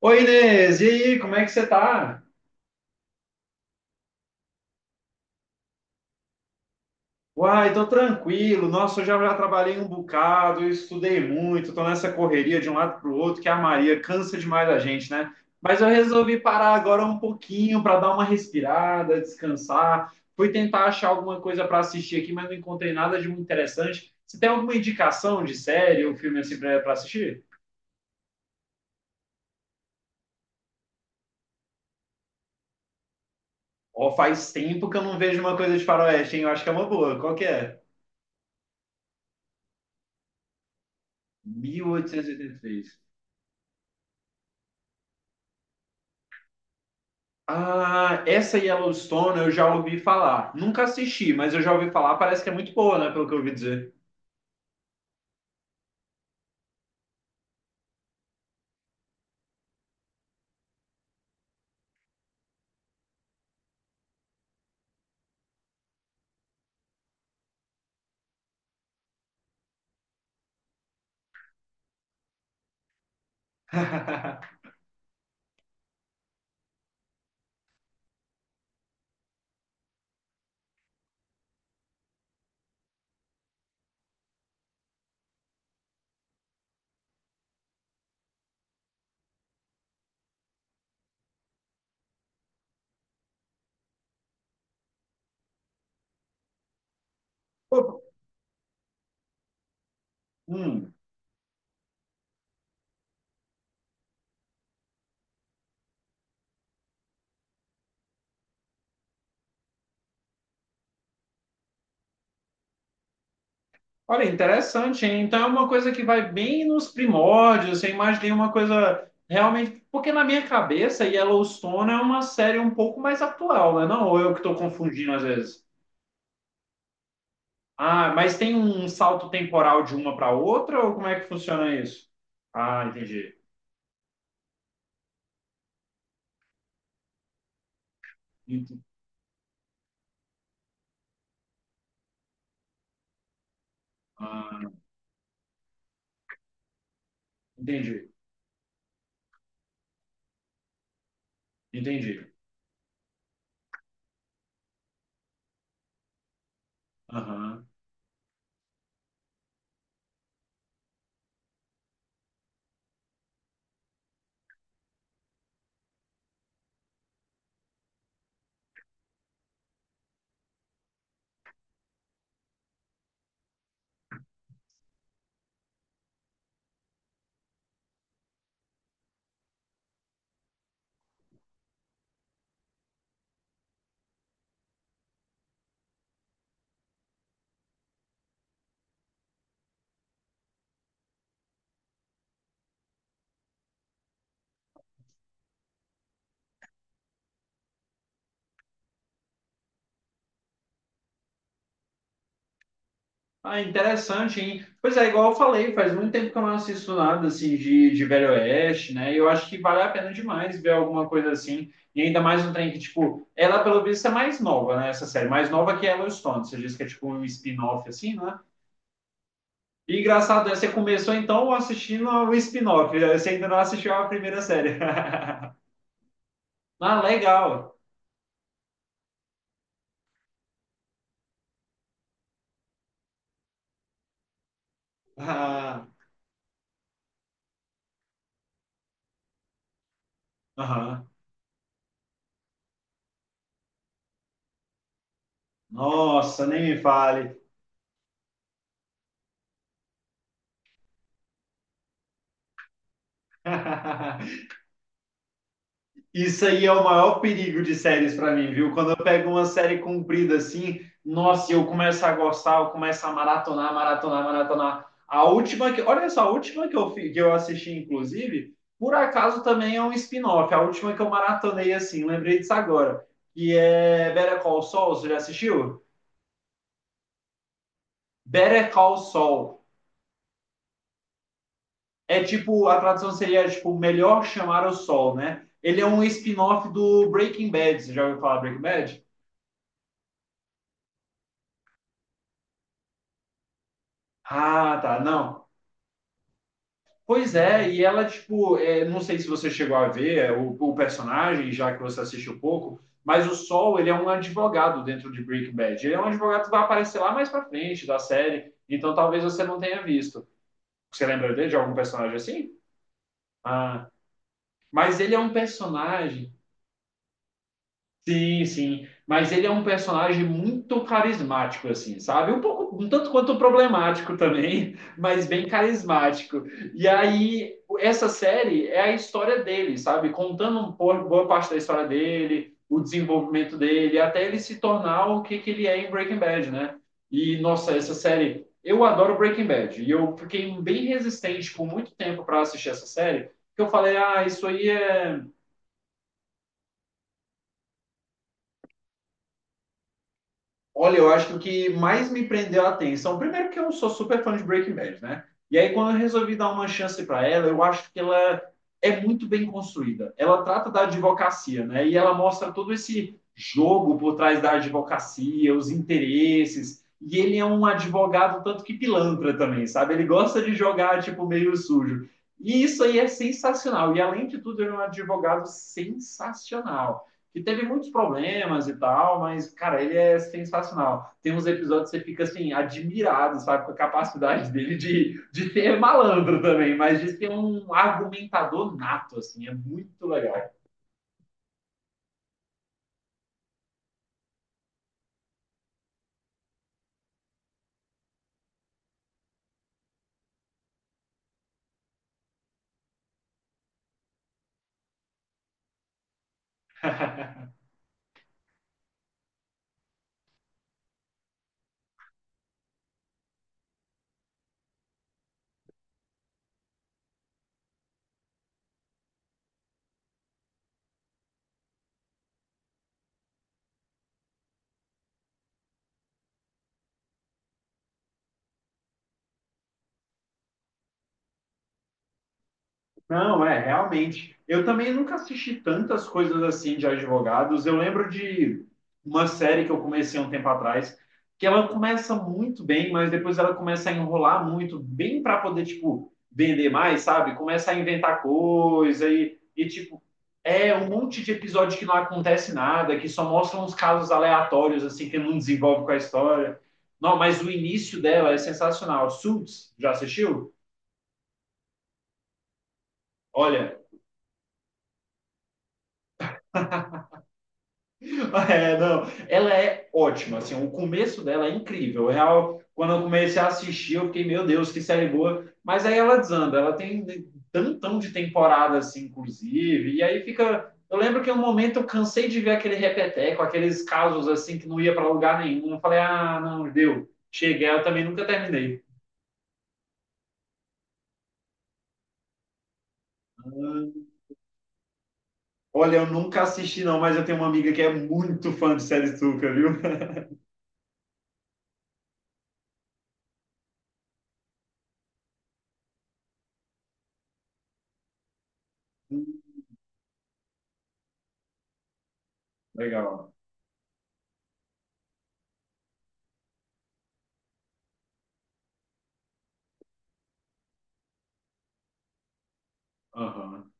Oi, Inês, e aí, como é que você tá? Uai, tô tranquilo. Nossa, eu já trabalhei um bocado, eu estudei muito, tô nessa correria de um lado pro outro, que a Maria cansa demais a gente, né? Mas eu resolvi parar agora um pouquinho para dar uma respirada, descansar. Fui tentar achar alguma coisa para assistir aqui, mas não encontrei nada de muito interessante. Você tem alguma indicação de série ou filme assim pra assistir? Ó, faz tempo que eu não vejo uma coisa de faroeste, hein? Eu acho que é uma boa. Qual que é? 1883. Ah, essa Yellowstone eu já ouvi falar. Nunca assisti, mas eu já ouvi falar. Parece que é muito boa, né? Pelo que eu ouvi dizer. Pô, hum. Olha, interessante, hein? Então é uma coisa que vai bem nos primórdios. Eu imaginei uma coisa realmente. Porque na minha cabeça, Yellowstone é uma série um pouco mais atual, né? Não, ou eu que estou confundindo às vezes. Ah, mas tem um salto temporal de uma para outra, ou como é que funciona isso? Ah, entendi. Ent- Ah, entendi. Entendi. Aham. Ah, interessante, hein? Pois é, igual eu falei, faz muito tempo que eu não assisto nada assim de Velho Oeste, né? E eu acho que vale a pena demais ver alguma coisa assim. E ainda mais um trem que, tipo, ela pelo visto é mais nova, né? Essa série, mais nova que Yellowstone. Você diz que é tipo um spin-off assim, né? E engraçado, é, você começou então assistindo o spin-off, você ainda não assistiu a primeira série. Ah, legal. Ah, aham. Nossa, nem me fale. Isso aí é o maior perigo de séries para mim, viu? Quando eu pego uma série comprida assim, nossa, eu começo a gostar, eu começo a maratonar, maratonar, maratonar. A última que, olha só, a última que eu assisti, inclusive, por acaso também é um spin-off. A última que eu maratonei assim, lembrei disso agora, que é Better Call Saul. Você já assistiu? Better Call Saul. É tipo, a tradução seria tipo melhor chamar o sol, né? Ele é um spin-off do Breaking Bad. Você já ouviu falar Breaking Bad? Ah, tá. Não. Pois é, e ela, tipo, é, não sei se você chegou a ver é, o personagem, já que você assistiu pouco, mas o Sol, ele é um advogado dentro de Breaking Bad. Ele é um advogado que vai aparecer lá mais pra frente da série, então talvez você não tenha visto. Você lembra dele, de algum personagem assim? Ah, mas ele é um personagem. Sim, sim. Mas ele é um personagem muito carismático, assim, sabe? Um pouco, um tanto quanto problemático também, mas bem carismático. E aí, essa série é a história dele, sabe? Contando boa parte da história dele, o desenvolvimento dele, até ele se tornar o que que ele é em Breaking Bad, né? E, nossa, essa série. Eu adoro Breaking Bad. E eu fiquei bem resistente por muito tempo para assistir essa série, porque eu falei, ah, isso aí é. Olha, eu acho que o que mais me prendeu a atenção, primeiro que eu sou super fã de Breaking Bad, né? E aí quando eu resolvi dar uma chance para ela, eu acho que ela é muito bem construída. Ela trata da advocacia, né? E ela mostra todo esse jogo por trás da advocacia, os interesses. E ele é um advogado tanto que pilantra também, sabe? Ele gosta de jogar tipo meio sujo. E isso aí é sensacional. E além de tudo, ele é um advogado sensacional que teve muitos problemas e tal, mas, cara, ele é sensacional. Tem uns episódios que você fica, assim, admirado, sabe, com a capacidade dele de ser malandro também, mas de ser um argumentador nato, assim, é muito legal. Não, é, realmente. Eu também nunca assisti tantas coisas assim de advogados. Eu lembro de uma série que eu comecei um tempo atrás, que ela começa muito bem, mas depois ela começa a enrolar muito, bem para poder, tipo, vender mais, sabe? Começa a inventar coisa tipo, é um monte de episódio que não acontece nada, que só mostram uns casos aleatórios, assim, que não desenvolve com a história. Não, mas o início dela é sensacional. Suits, já assistiu? Olha, é, não. Ela é ótima, assim, o começo dela é incrível. É real, quando eu comecei a assistir, eu fiquei, meu Deus, que série boa. Mas aí ela desanda, ela tem tantão de temporada, assim, inclusive, e aí fica. Eu lembro que em um momento eu cansei de ver aquele repeteco, aqueles casos assim que não ia para lugar nenhum. Eu falei, ah, não, deu. Cheguei, eu também nunca terminei. Hum, Olha, eu nunca assisti, não, mas eu tenho uma amiga que é muito fã de série Tuca, viu? Legal. Aham.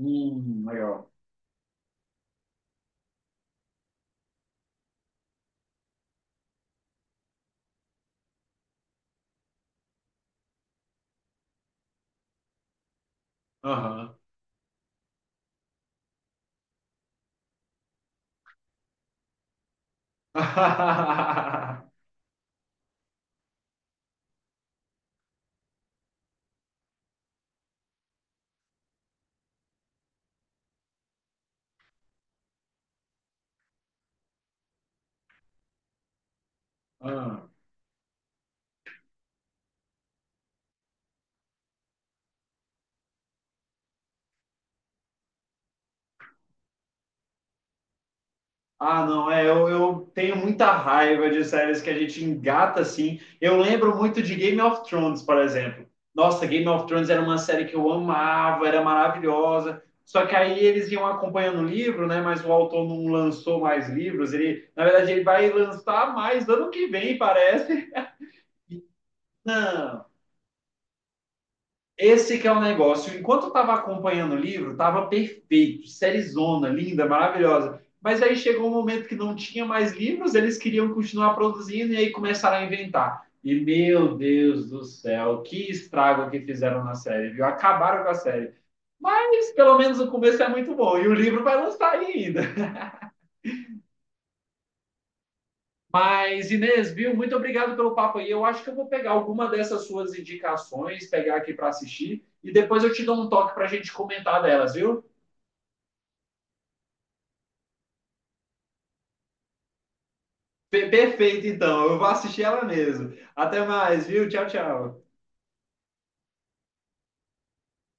Legal. Aham. Ah, ah, não, é, eu tenho muita raiva de séries que a gente engata assim. Eu lembro muito de Game of Thrones, por exemplo. Nossa, Game of Thrones era uma série que eu amava, era maravilhosa. Só que aí eles iam acompanhando o livro, né? Mas o autor não lançou mais livros. Ele, na verdade, ele vai lançar mais ano que vem, parece. Não. Esse que é o negócio. Enquanto eu estava acompanhando o livro, estava perfeito, série zona, linda, maravilhosa. Mas aí chegou um momento que não tinha mais livros, eles queriam continuar produzindo e aí começaram a inventar. E meu Deus do céu, que estrago que fizeram na série, viu? Acabaram com a série. Mas pelo menos o começo é muito bom e o livro vai lançar ainda. Mas Inês, viu? Muito obrigado pelo papo aí. Eu acho que eu vou pegar alguma dessas suas indicações, pegar aqui para assistir e depois eu te dou um toque para a gente comentar delas, viu? Perfeito, então. Eu vou assistir ela mesmo. Até mais, viu? Tchau, tchau.